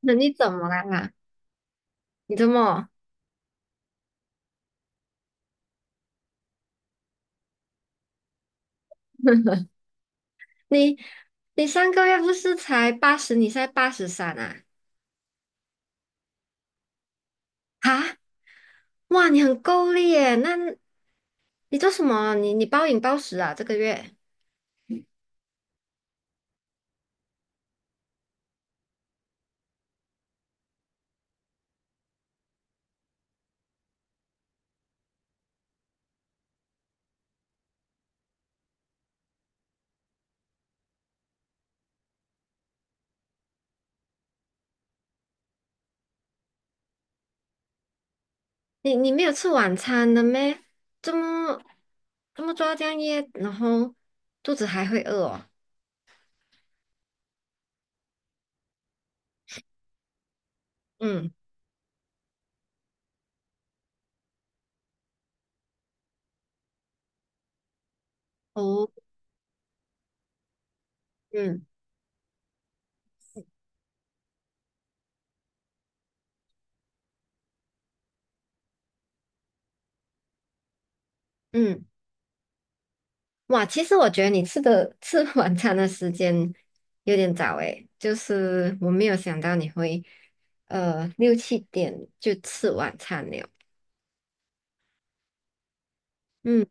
那你怎么了啦？你怎么？你上个月不是才八十，你现在83啊？啊，哇，你很够力耶！那你做什么？你暴饮暴食啊？这个月你没有吃晚餐的咩？这么这么抓这样夜，然后肚子还会饿哦。嗯，哦，嗯嗯。哇，其实我觉得你吃的 吃晚餐的时间有点早诶，就是我没有想到你会6、7点就吃晚餐了。嗯，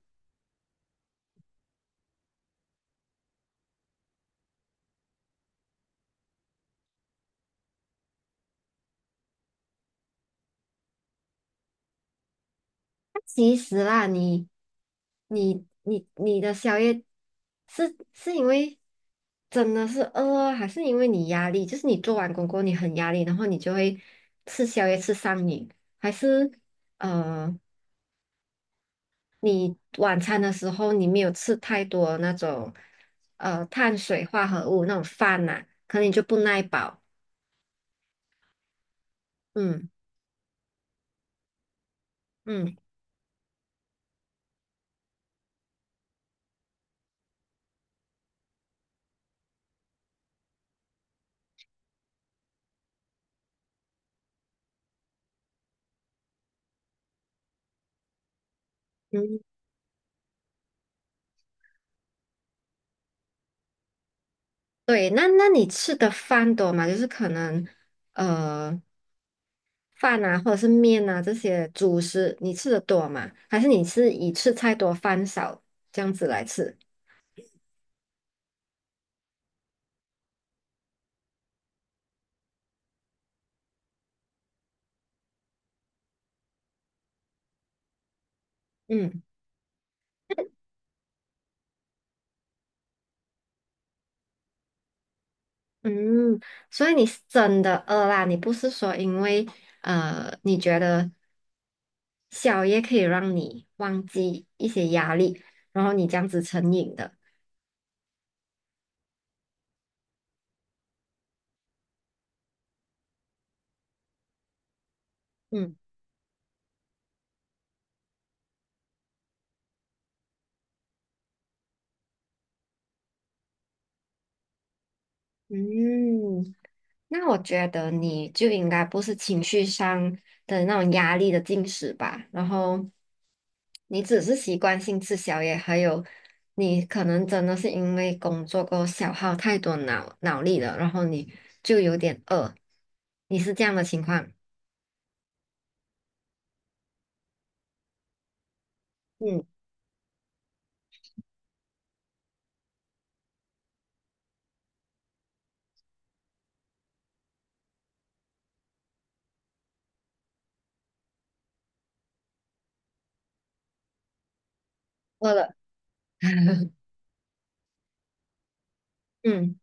那其实啦，你的宵夜是因为真的是饿啊，还是因为你压力？就是你做完工过后你很压力，然后你就会吃宵夜吃上瘾，还是？呃，你晚餐的时候你没有吃太多那种碳水化合物那种饭呐、可能你就不耐饱。嗯嗯嗯，对，那你吃的饭多吗？就是可能呃饭啊，或者是面啊这些主食，你吃的多吗？还是你是以吃菜多饭少这样子来吃？嗯嗯，所以你是真的饿啦，你不是说因为你觉得小也可以让你忘记一些压力，然后你这样子成瘾的。嗯嗯，那我觉得你就应该不是情绪上的那种压力的进食吧，然后你只是习惯性吃宵夜，还有你可能真的是因为工作过后消耗太多脑力了，然后你就有点饿，你是这样的情况？嗯，饿了，嗯。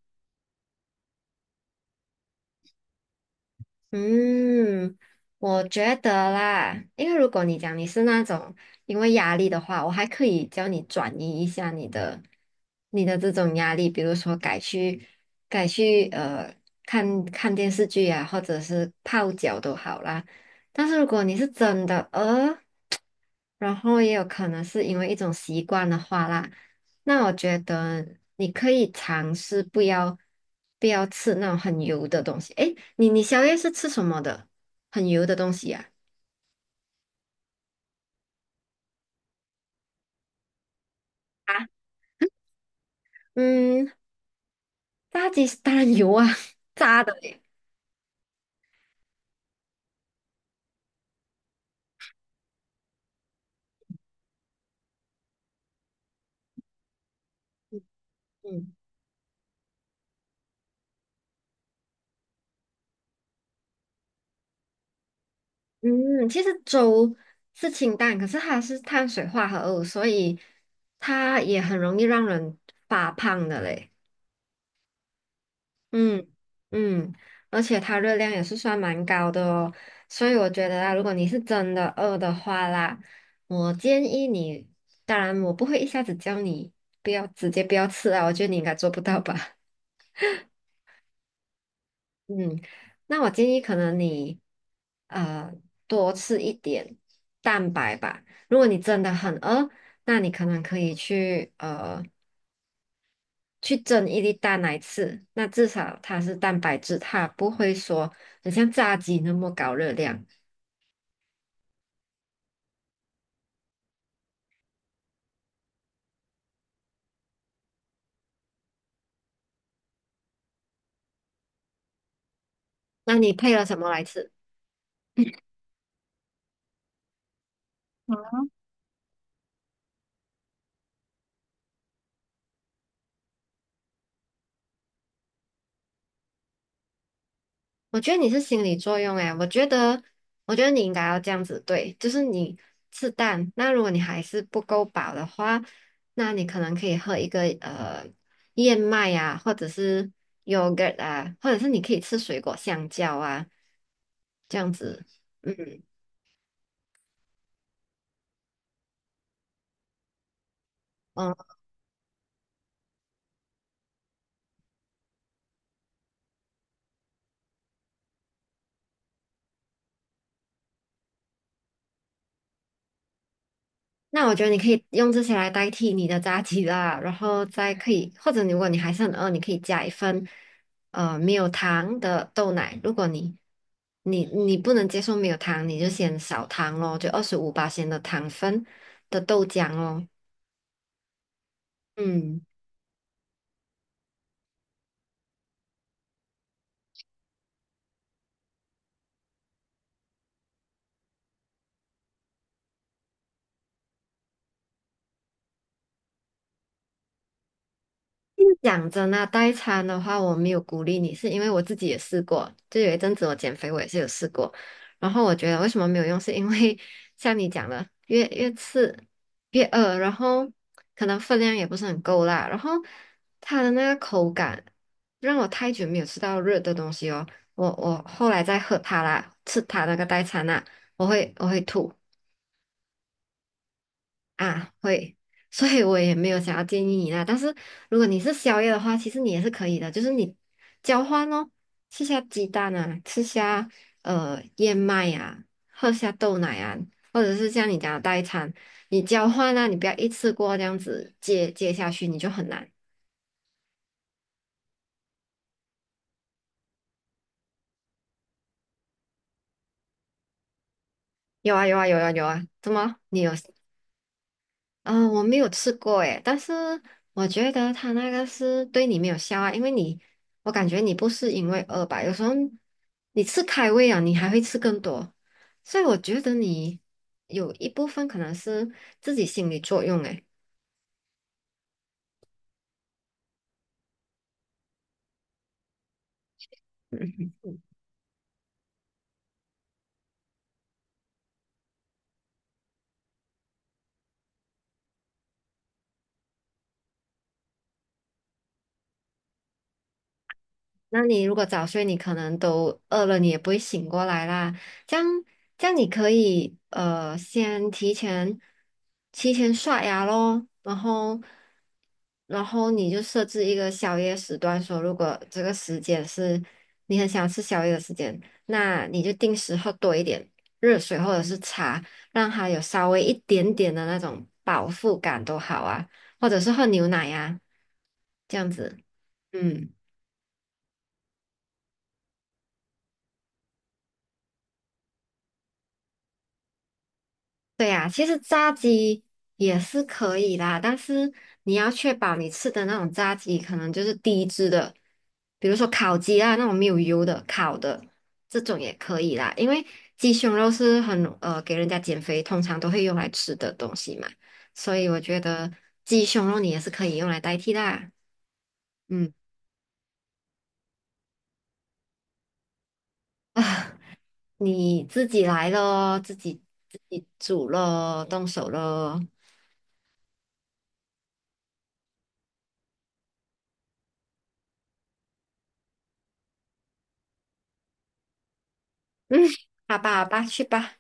嗯，我觉得啦，因为如果你讲你是那种因为压力的话，我还可以教你转移一下你的这种压力，比如说改去看看电视剧啊，或者是泡脚都好啦。但是如果你是真的然后也有可能是因为一种习惯的话啦，那我觉得你可以尝试不要吃那种很油的东西。诶，你你宵夜是吃什么的？很油的东西呀、啊，啊嗯，炸鸡是当然油啊，炸的诶。嗯嗯，其实粥是清淡，可是它是碳水化合物，所以它也很容易让人发胖的嘞。嗯嗯，而且它热量也是算蛮高的哦，所以我觉得啊，如果你是真的饿的话啦，我建议你，当然我不会一下子叫你不要吃啊，我觉得你应该做不到吧。嗯，那我建议可能你呃多吃一点蛋白吧。如果你真的很饿，那你可能可以去去蒸一粒蛋来吃，那至少它是蛋白质，它不会说很像炸鸡那么高热量。那你配了什么来吃？我觉得你是心理作用诶，我觉得，我觉得你应该要这样子对，就是你吃蛋，那如果你还是不够饱的话，那你可能可以喝一个燕麦啊，或者是 yogurt 啊，或者是你可以吃水果香蕉啊，这样子，嗯嗯。那我觉得你可以用这些来代替你的炸鸡啦，然后再可以，或者如果你还是很饿，你可以加一份没有糖的豆奶。如果你不能接受没有糖，你就先少糖咯，就25%的糖分的豆浆哦。嗯。讲真啊，代餐的话，我没有鼓励你，是因为我自己也试过，就有一阵子我减肥，我也是有试过。然后我觉得为什么没有用，是因为像你讲的，越吃越饿，然后可能分量也不是很够啦，然后它的那个口感让我太久没有吃到热的东西哦。我后来再喝它啦，吃它那个代餐啦，我会吐。啊，会，所以我也没有想要建议你啦。但是如果你是宵夜的话，其实你也是可以的，就是你交换哦，吃下鸡蛋啊，吃下燕麦啊，喝下豆奶啊，或者是像你讲的代餐，你交换啊，你不要一次过这样子接下去，你就很难。有啊有啊有啊有啊，怎么？你有嗯，我没有吃过诶，但是我觉得他那个是对你没有效啊，因为你，我感觉你不是因为饿吧，有时候你吃开胃啊，你还会吃更多，所以我觉得你有一部分可能是自己心理作用诶。那你如果早睡，你可能都饿了，你也不会醒过来啦。这样，这样你可以先提前刷牙咯，然后你就设置一个宵夜时段，说如果这个时间是你很想吃宵夜的时间，那你就定时喝多一点热水或者是茶，让它有稍微一点点的那种饱腹感都好啊，或者是喝牛奶呀、这样子，嗯。对呀，其实炸鸡也是可以啦，但是你要确保你吃的那种炸鸡可能就是低脂的，比如说烤鸡啊那种没有油的烤的这种也可以啦，因为鸡胸肉是很给人家减肥通常都会用来吃的东西嘛，所以我觉得鸡胸肉你也是可以用来代替啦。嗯啊，你自己来咯，自己煮咯，动手咯。嗯，好吧好吧，去吧。